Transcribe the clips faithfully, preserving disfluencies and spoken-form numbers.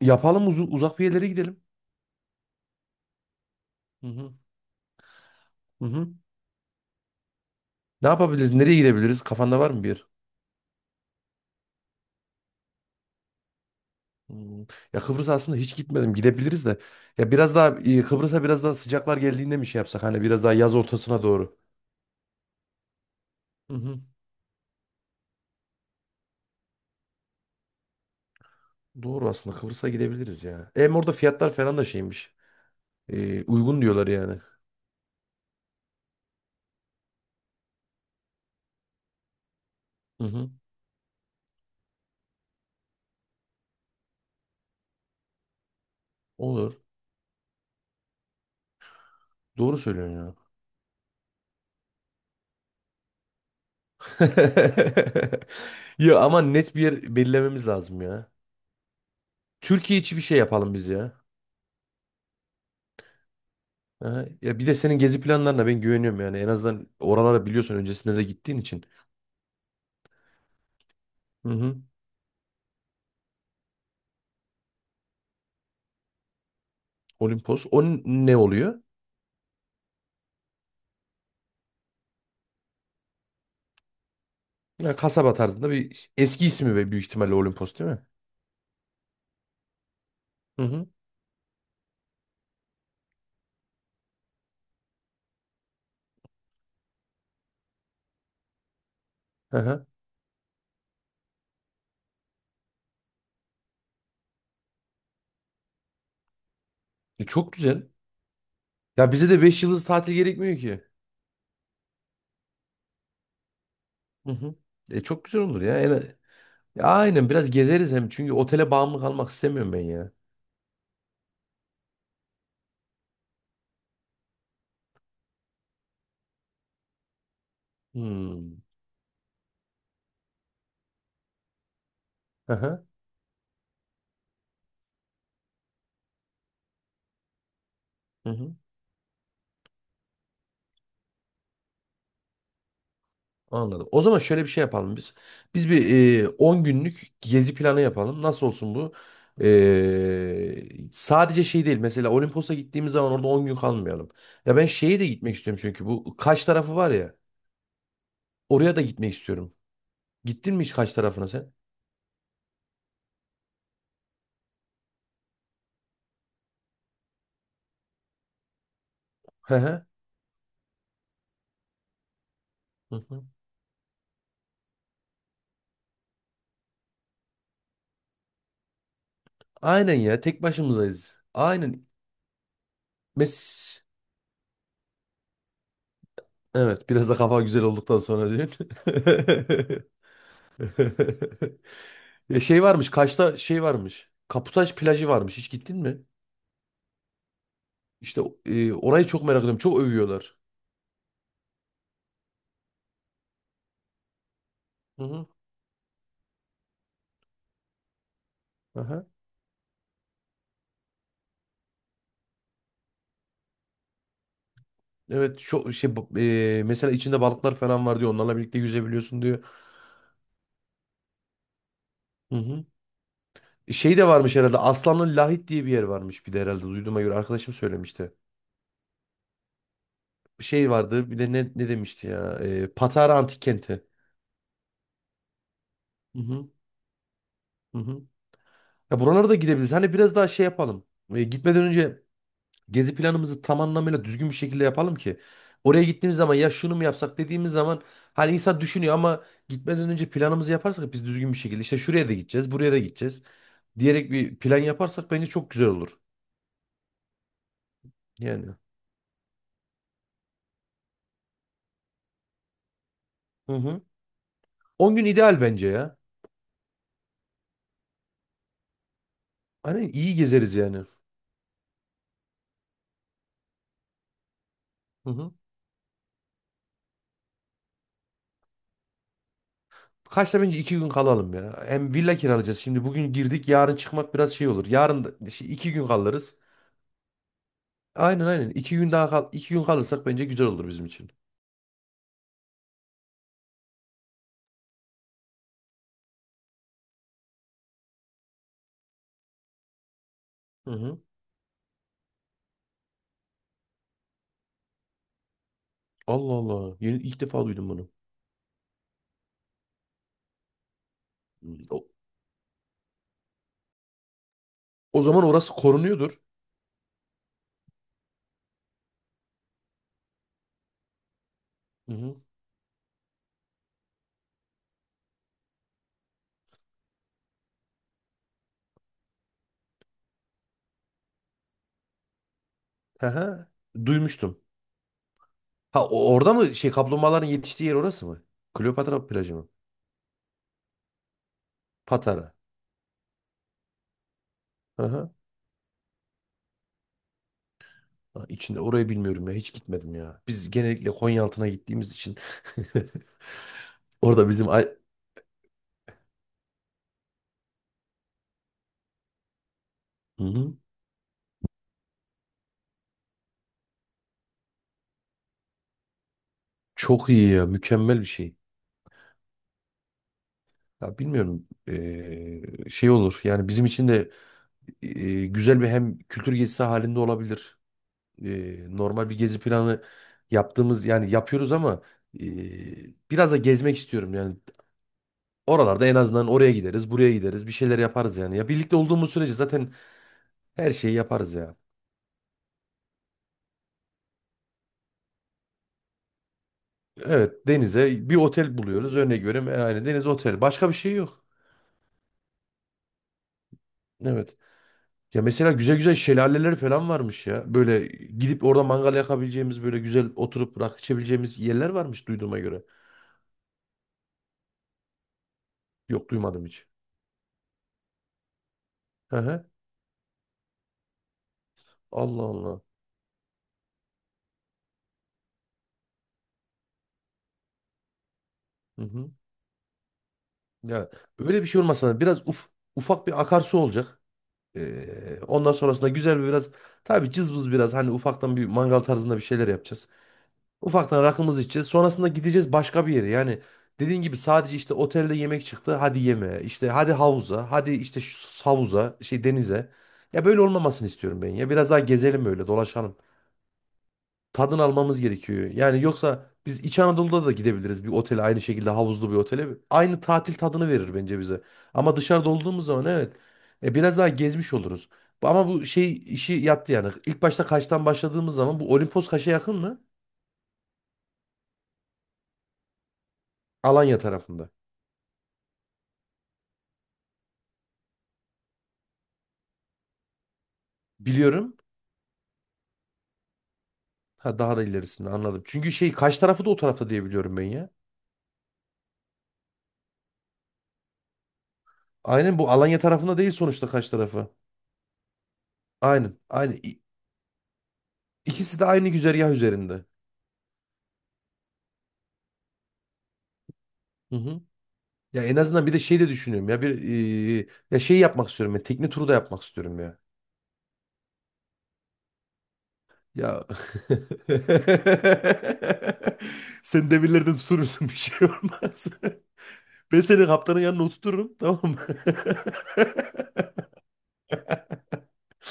Yapalım uzu- uzak bir yerlere gidelim. Hı hı. Hı hı. Ne yapabiliriz? Nereye gidebiliriz? Kafanda var mı bir yer? Hmm. Ya Kıbrıs aslında hiç gitmedim. Gidebiliriz de. Ya biraz daha e, Kıbrıs'a biraz daha sıcaklar geldiğinde mi şey yapsak? Hani biraz daha yaz ortasına doğru. Hı hı. Doğru aslında Kıbrıs'a gidebiliriz ya. Hem orada fiyatlar falan da şeymiş. E, uygun diyorlar yani. Hı hı. Olur. Doğru söylüyorsun ya. Ya ama net bir yer belirlememiz lazım ya. Türkiye içi bir şey yapalım biz ya. Ha, ya bir de senin gezi planlarına ben güveniyorum yani. En azından oralara biliyorsun öncesinde de gittiğin için. Hı hı. Olimpos. O n- ne oluyor? Ya kasaba tarzında bir eski ismi ve büyük ihtimalle Olimpos değil mi? Hı hı. Hı hı. E, çok güzel. Ya bize de beş yıldız tatil gerekmiyor ki. Hı hı. E, çok güzel olur ya. En- ya aynen biraz gezeriz hem çünkü otele bağımlı kalmak istemiyorum ben ya. Hmm. Hı hı. Hı hı. Anladım. O zaman şöyle bir şey yapalım biz. Biz bir e, on günlük gezi planı yapalım. Nasıl olsun bu? E, sadece şey değil. Mesela Olimpos'a gittiğimiz zaman orada on gün kalmayalım. Ya ben şeye de gitmek istiyorum çünkü bu Kaş tarafı var ya. Oraya da gitmek istiyorum. Gittin mi hiç Kaş tarafına sen? Hı hı. Hı hı. Aynen ya. Tek başımızayız. Aynen. Mes Evet, biraz da kafa güzel olduktan sonra diyor. Ya şey varmış, Kaş'ta şey varmış. Kaputaş plajı varmış. Hiç gittin mi? İşte e, orayı çok merak ediyorum. Çok övüyorlar. Hı hı. Aha. Evet, çok şey ba- e, mesela içinde balıklar falan var diyor. Onlarla birlikte yüzebiliyorsun diyor. Hı hı. E, Şey de varmış herhalde. Aslanlı Lahit diye bir yer varmış bir de herhalde. Duyduğuma göre arkadaşım söylemişti. Şey vardı. Bir de ne ne demişti ya? E, Patara Antik Kenti. Hı hı. Hı hı. Ya buralara da gidebiliriz. Hani biraz daha şey yapalım. E, gitmeden önce gezi planımızı tam anlamıyla düzgün bir şekilde yapalım ki oraya gittiğimiz zaman ya şunu mu yapsak dediğimiz zaman hani insan düşünüyor ama gitmeden önce planımızı yaparsak biz düzgün bir şekilde işte şuraya da gideceğiz, buraya da gideceğiz diyerek bir plan yaparsak bence çok güzel olur. Yani. Hı hı. on gün ideal bence ya. Hani iyi gezeriz yani. Hı hı. Kaçta bence iki gün kalalım ya. Hem villa kiralayacağız. Şimdi bugün girdik, yarın çıkmak biraz şey olur. Yarın da iki gün kalırız. Aynen, aynen. iki gün daha kal iki gün kalırsak bence güzel olur bizim için. Hı hı. Allah Allah. Yeni, ilk defa duydum bunu. Hmm. O, o zaman orası korunuyordur. Hı hı. Hı hı. Duymuştum. Ha, o- orada mı şey kaplumbağaların yetiştiği yer orası mı? Kleopatra plajı mı? Patara. Hı hı. Ha, içinde orayı bilmiyorum ya. Hiç gitmedim ya. Biz genellikle Konyaaltı'na gittiğimiz için. Orada bizim... ay- Hı hı. Çok iyi ya. Mükemmel bir şey. Ya bilmiyorum. Ee, şey olur. Yani bizim için de ee, güzel bir hem kültür gezisi halinde olabilir. E, normal bir gezi planı yaptığımız yani yapıyoruz ama e, biraz da gezmek istiyorum yani. Oralarda en azından oraya gideriz, buraya gideriz, bir şeyler yaparız yani. Ya birlikte olduğumuz sürece zaten her şeyi yaparız ya. Evet, denize bir otel buluyoruz örnek veriyorum. Yani deniz otel, başka bir şey yok. Evet. Ya mesela güzel güzel şelaleler falan varmış ya. Böyle gidip orada mangal yakabileceğimiz böyle güzel oturup rakı içebileceğimiz yerler varmış duyduğuma göre. Yok, duymadım hiç. Hı hı. Allah Allah. Hı hı. Ya öyle bir şey olmasa biraz uf, ufak bir akarsu olacak. Ee, ondan sonrasında güzel bir biraz tabii cızbız biraz hani ufaktan bir mangal tarzında bir şeyler yapacağız. Ufaktan rakımızı içeceğiz. Sonrasında gideceğiz başka bir yere. Yani dediğin gibi sadece işte otelde yemek çıktı. Hadi yemeğe. İşte hadi havuza. Hadi işte şu havuza, şey denize. Ya böyle olmamasını istiyorum ben ya. Biraz daha gezelim öyle, dolaşalım, tadını almamız gerekiyor. Yani yoksa biz İç Anadolu'da da gidebiliriz bir otele aynı şekilde havuzlu bir otele. Aynı tatil tadını verir bence bize. Ama dışarıda olduğumuz zaman evet, e, biraz daha gezmiş oluruz. Ama bu şey işi yattı yani. İlk başta Kaş'tan başladığımız zaman bu Olimpos Kaş'a yakın mı? Alanya tarafında. Biliyorum. Ha, daha da ilerisinde anladım. Çünkü şey Kaş tarafı da o tarafta diye biliyorum ben ya. Aynen, bu Alanya tarafında değil sonuçta Kaş tarafı. Aynen. Aynen. İ- İkisi de aynı güzergah üzerinde. Hı hı. Ya en azından bir de şey de düşünüyorum ya bir e, ya şey yapmak istiyorum ya tekne turu da yapmak istiyorum ya. Ya sen demirlerden tuturursun bir şey olmaz. Ben seni kaptanın yanına oturturum, tamam mı?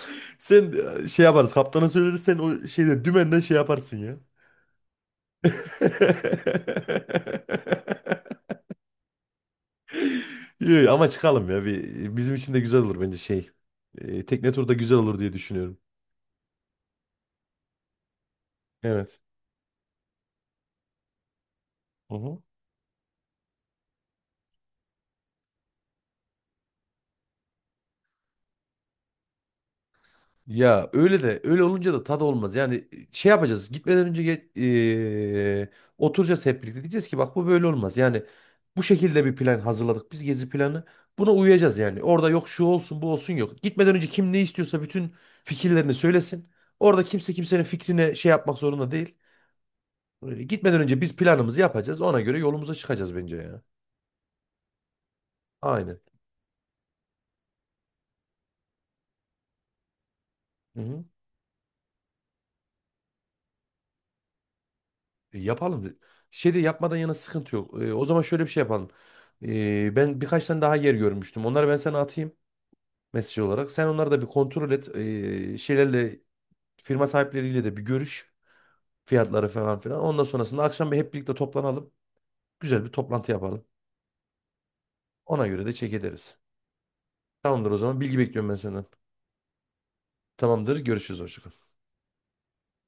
Sen e, şey yaparız kaptana söyleriz sen o şeyde dümenden şey yaparsın ya. İyi, ama çıkalım ya bir, bizim için de güzel olur bence şey. E, tekne turu da güzel olur diye düşünüyorum. Evet. Hı hı. Ya öyle de öyle olunca da tadı olmaz. Yani şey yapacağız. Gitmeden önce ge- eee, oturacağız hep birlikte. Diyeceğiz ki bak bu böyle olmaz. Yani bu şekilde bir plan hazırladık. Biz gezi planı. Buna uyacağız yani. Orada yok şu olsun bu olsun yok. Gitmeden önce kim ne istiyorsa bütün fikirlerini söylesin. Orada kimse kimsenin fikrine şey yapmak zorunda değil. Ee, Gitmeden önce biz planımızı yapacağız. Ona göre yolumuza çıkacağız bence ya. Aynen. E, Yapalım. Şey de yapmadan yana sıkıntı yok. E, o zaman şöyle bir şey yapalım. E, ben birkaç tane daha yer görmüştüm. Onları ben sana atayım mesaj olarak. Sen onları da bir kontrol et. E, şeylerle firma sahipleriyle de bir görüş. Fiyatları falan filan. Ondan sonrasında akşam bir hep birlikte toplanalım. Güzel bir toplantı yapalım. Ona göre de çek ederiz. Tamamdır o zaman. Bilgi bekliyorum ben senden. Tamamdır. Görüşürüz. Hoşça kal.